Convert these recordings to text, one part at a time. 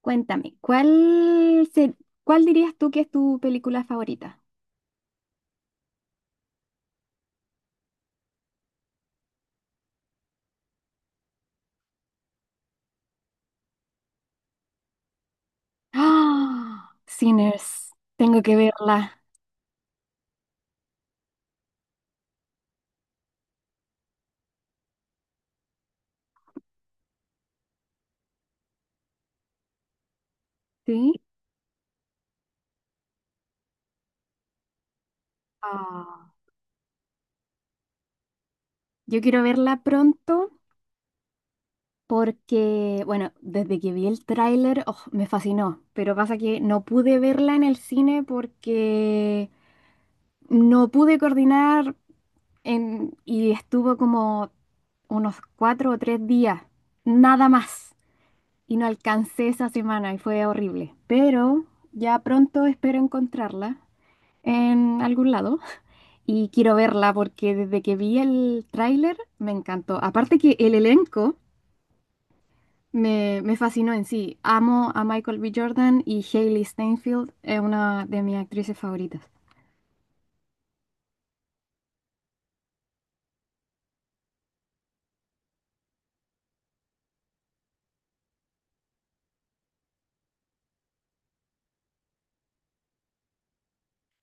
Cuéntame, ¿cuál dirías tú que es tu película favorita? ¡Ah! Sinners, tengo que verla, ¿sí? Ah, yo quiero verla pronto porque, bueno, desde que vi el tráiler, oh, me fascinó, pero pasa que no pude verla en el cine porque no pude coordinar y estuvo como unos 4 o 3 días, nada más. Y no alcancé esa semana y fue horrible. Pero ya pronto espero encontrarla en algún lado y quiero verla porque desde que vi el tráiler me encantó. Aparte que el elenco me fascinó en sí. Amo a Michael B. Jordan y Hailey Steinfeld es una de mis actrices favoritas.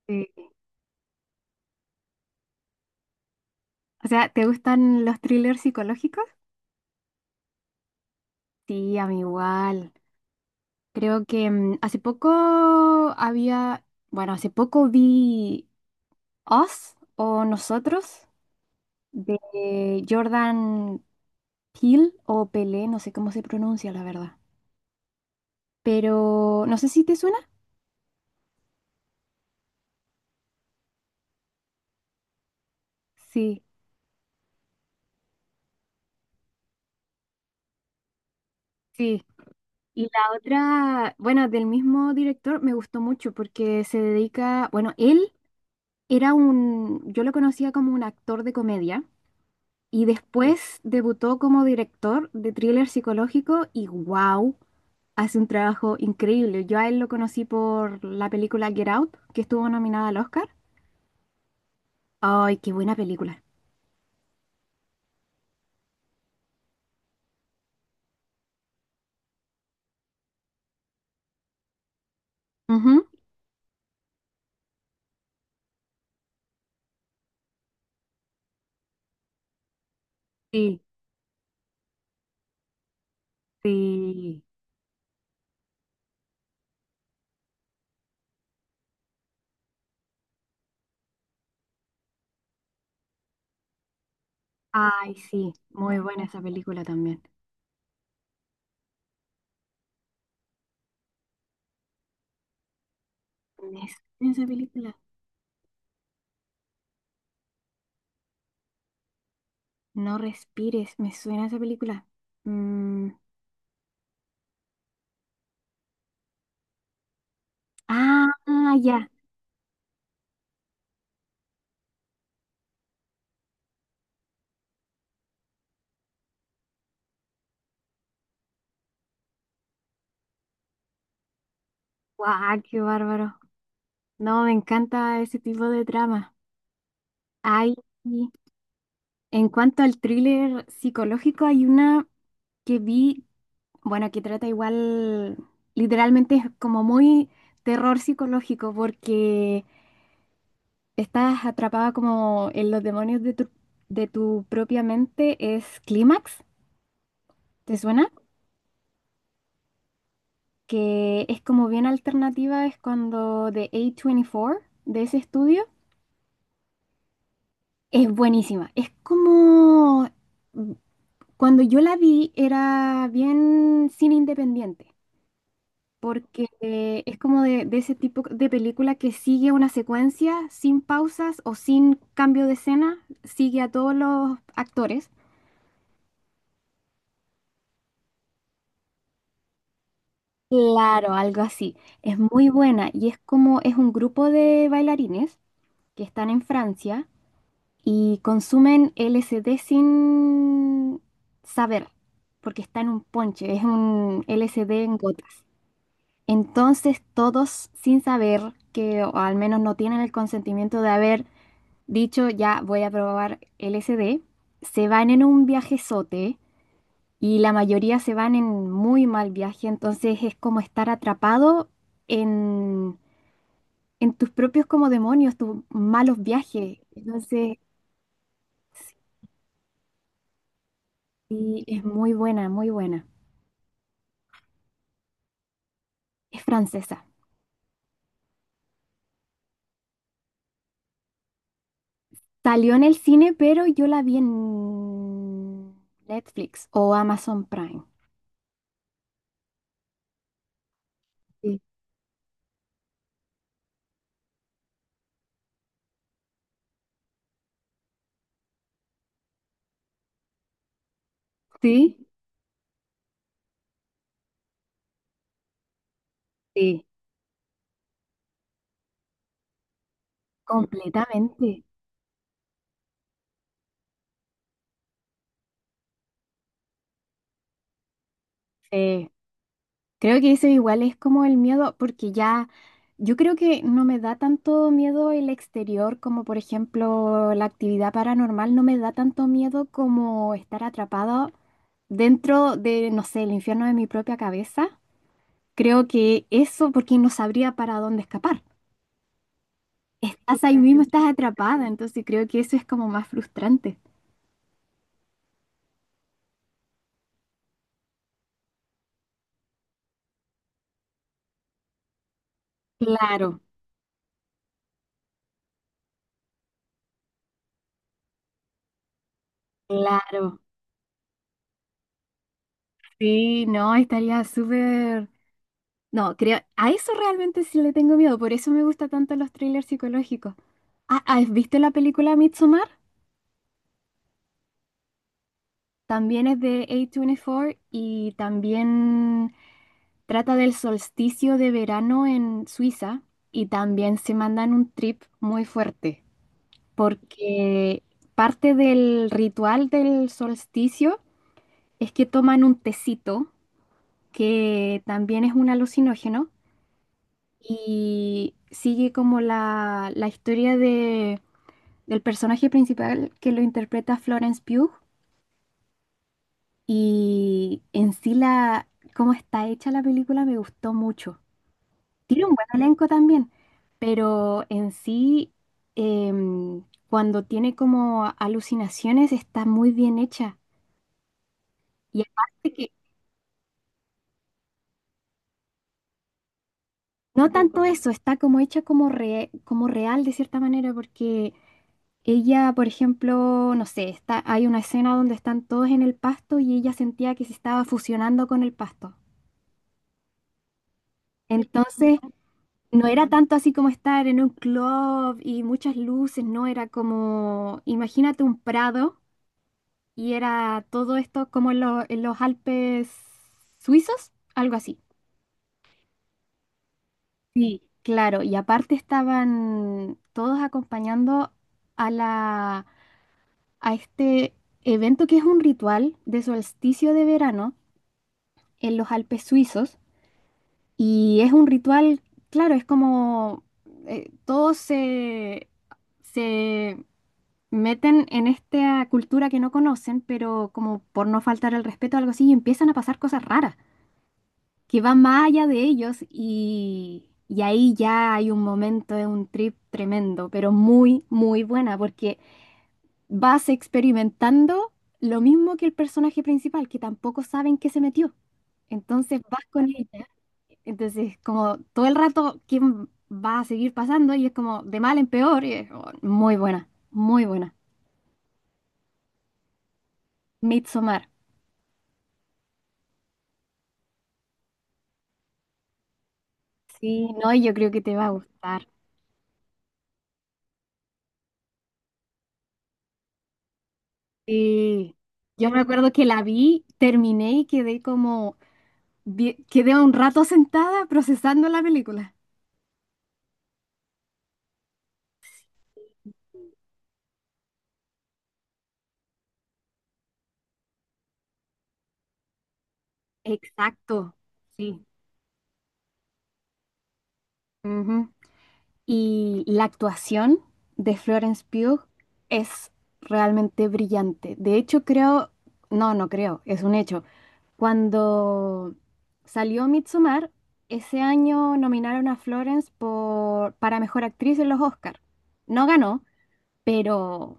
Sí. O sea, ¿te gustan los thrillers psicológicos? Sí, a mí igual. Creo que hace poco bueno, hace poco vi Us o Nosotros de Jordan Peele o Pelé, no sé cómo se pronuncia la verdad. Pero no sé si te suena. Sí, sí. Y la otra, bueno, del mismo director me gustó mucho porque se dedica, bueno, él era un, yo lo conocía como un actor de comedia y después debutó como director de thriller psicológico y wow, hace un trabajo increíble. Yo a él lo conocí por la película Get Out, que estuvo nominada al Oscar. Ay, qué buena película. Ujú. Sí, sí. Ay, sí, muy buena esa película también. Me suena esa película. No respires, me suena esa película. Mm, ah, ah, ya. Guau, qué bárbaro. No, me encanta ese tipo de trama. Ay, sí. En cuanto al thriller psicológico, hay una que vi, bueno, que trata igual, literalmente es como muy terror psicológico, porque estás atrapada como en los demonios de tu propia mente es Clímax, ¿te suena? Que es como bien alternativa, es cuando de A24, de ese estudio, es buenísima. Es como, mm, cuando yo la vi era bien cine independiente, porque es como de ese tipo de película que sigue una secuencia sin pausas o sin cambio de escena, sigue a todos los actores. Claro, algo así. Es muy buena y es como es un grupo de bailarines que están en Francia y consumen LSD sin saber, porque está en un ponche, es un LSD en gotas. Entonces todos sin saber que, o al menos no tienen el consentimiento de haber dicho ya voy a probar LSD, se van en un viajezote y la mayoría se van en muy mal viaje, entonces es como estar atrapado en, en tus propios como demonios, tus malos viajes. Entonces, sí, es muy buena, muy buena. Es francesa. Salió en el cine, pero yo la vi en Netflix o Amazon Prime. Sí, sí, sí, completamente. Sí. Creo que eso igual es como el miedo, porque ya yo creo que no me da tanto miedo el exterior como por ejemplo la actividad paranormal, no me da tanto miedo como estar atrapado dentro de, no sé, el infierno de mi propia cabeza. Creo que eso porque no sabría para dónde escapar. Estás ahí mismo, estás atrapada, entonces creo que eso es como más frustrante. Claro, claro. Sí, no, estaría súper. No, creo, a eso realmente sí le tengo miedo, por eso me gustan tanto los thrillers psicológicos. Ah, ah, ¿viste la película Midsommar? También es de A24 y también trata del solsticio de verano en Suiza y también se mandan un trip muy fuerte porque parte del ritual del solsticio es que toman un tecito que también es un alucinógeno y sigue como la historia de del personaje principal que lo interpreta Florence Pugh y en sí la cómo está hecha la película me gustó mucho. Tiene un buen elenco también, pero en sí em, cuando tiene como alucinaciones está muy bien hecha. Y aparte que no tanto eso, está como hecha como, como real de cierta manera porque ella, por ejemplo, no sé, está, hay una escena donde están todos en el pasto y ella sentía que se estaba fusionando con el pasto. Entonces, no era tanto así como estar en un club y muchas luces, no, era como, imagínate un prado y era todo esto como en, en los Alpes suizos, algo así. Sí. Claro, y aparte estaban todos acompañando a a este evento que es un ritual de solsticio de verano en los Alpes suizos. Y es un ritual, claro, es como todos se meten en esta cultura que no conocen, pero como por no faltar el respeto o algo así, y empiezan a pasar cosas raras que van más allá de ellos y ahí ya hay un momento de un trip tremendo, pero muy, muy buena, porque vas experimentando lo mismo que el personaje principal, que tampoco saben qué se metió. Entonces vas con ella. Entonces, como todo el rato, ¿quién va a seguir pasando? Y es como de mal en peor. Y es, oh, muy buena, muy buena. Midsommar. Sí, no, y yo creo que te va a gustar. Sí. Yo me acuerdo que la vi, terminé y quedé como, quedé un rato sentada procesando la película. Exacto, sí. Ujú. Y la actuación de Florence Pugh es realmente brillante. De hecho, creo, no, no creo, es un hecho. Cuando salió Midsommar, ese año nominaron a Florence para mejor actriz en los Oscars. No ganó, pero,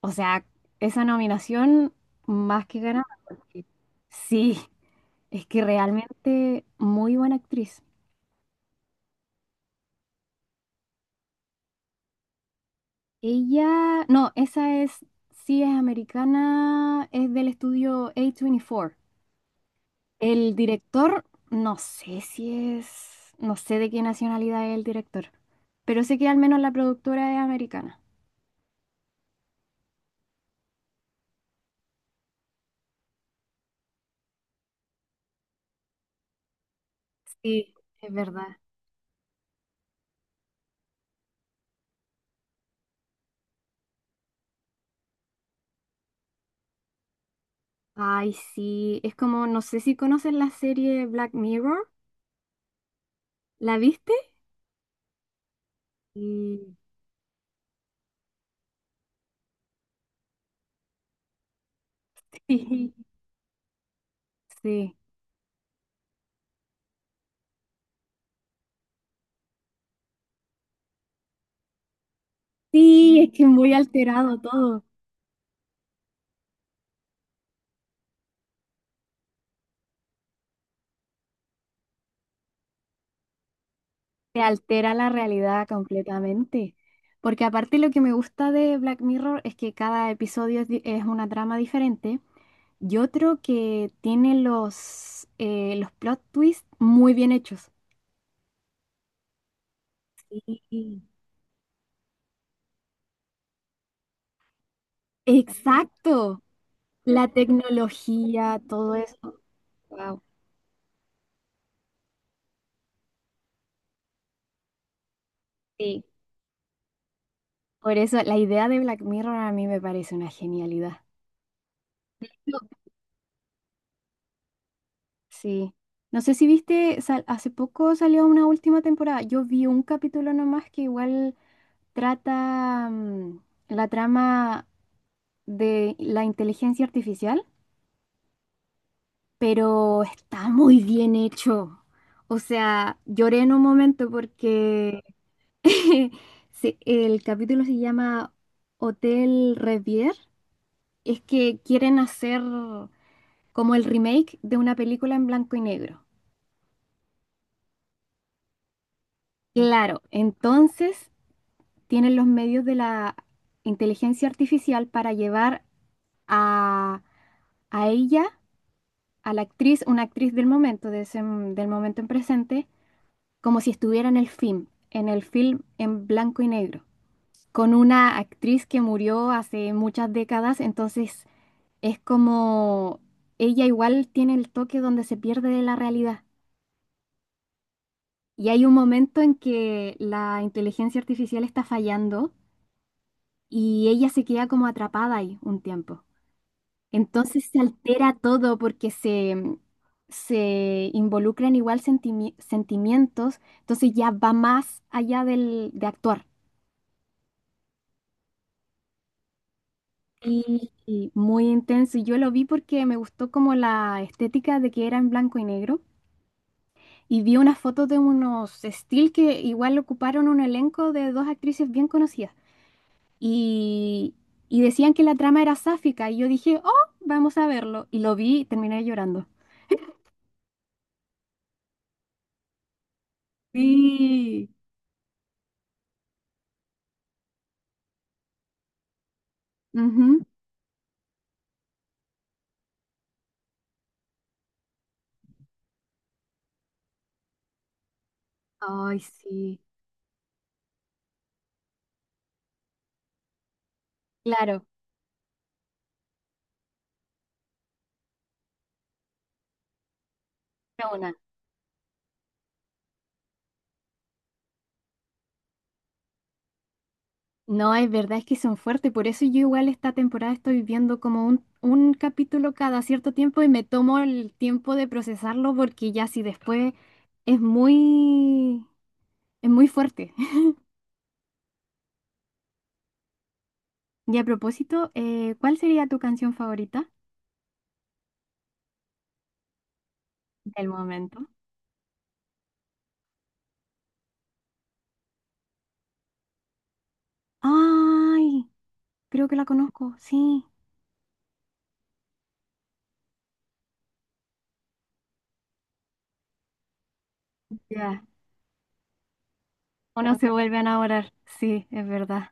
o sea, esa nominación más que ganada. Porque sí, es que realmente muy buena actriz. Ella, no, esa es, sí es americana, es del estudio A24. El director, no sé si es, no sé de qué nacionalidad es el director, pero sé que al menos la productora es americana. Sí, es verdad. Ay, sí, es como, no sé si conoces la serie Black Mirror, ¿la viste? Sí. Sí, sí. Sí, es que muy alterado todo. Te altera la realidad completamente. Porque aparte lo que me gusta de Black Mirror es que cada episodio es una trama diferente. Y otro que tiene los plot twists muy bien hechos. Sí. Exacto. La tecnología, todo eso. Wow. Sí. Por eso la idea de Black Mirror a mí me parece una genialidad. Sí. No sé si viste, hace poco salió una última temporada. Yo vi un capítulo nomás que igual trata la trama de la inteligencia artificial. Pero está muy bien hecho. O sea, lloré en un momento porque el capítulo se llama Hotel Revier. Es que quieren hacer como el remake de una película en blanco y negro. Claro, entonces tienen los medios de la inteligencia artificial para llevar a, a ella, a la actriz, una actriz del momento, de del momento en presente como si estuviera en el film, en el film en blanco y negro, con una actriz que murió hace muchas décadas, entonces es como ella igual tiene el toque donde se pierde de la realidad. Y hay un momento en que la inteligencia artificial está fallando y ella se queda como atrapada ahí un tiempo. Entonces se altera todo porque se involucran igual sentimientos, entonces ya va más allá de actuar. Y muy intenso. Y yo lo vi porque me gustó como la estética de que era en blanco y negro. Y vi unas fotos de unos still que igual ocuparon un elenco de dos actrices bien conocidas. Y, y decían que la trama era sáfica. Y yo dije, oh, vamos a verlo. Y lo vi y terminé llorando. Sí. Ujú. Ay, sí. Claro, era una. No, es verdad, es que son fuertes, por eso yo igual esta temporada estoy viendo como un capítulo cada cierto tiempo y me tomo el tiempo de procesarlo porque ya si después es muy, es muy fuerte. Y a propósito, ¿cuál sería tu canción favorita del momento? Ay, creo que la conozco, sí. Ya, uno se vuelve a enamorar, sí, es verdad.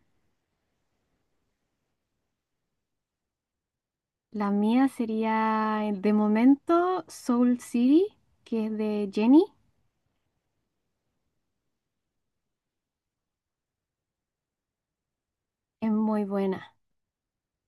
La mía sería de momento Soul City, que es de Jenny, es muy buena.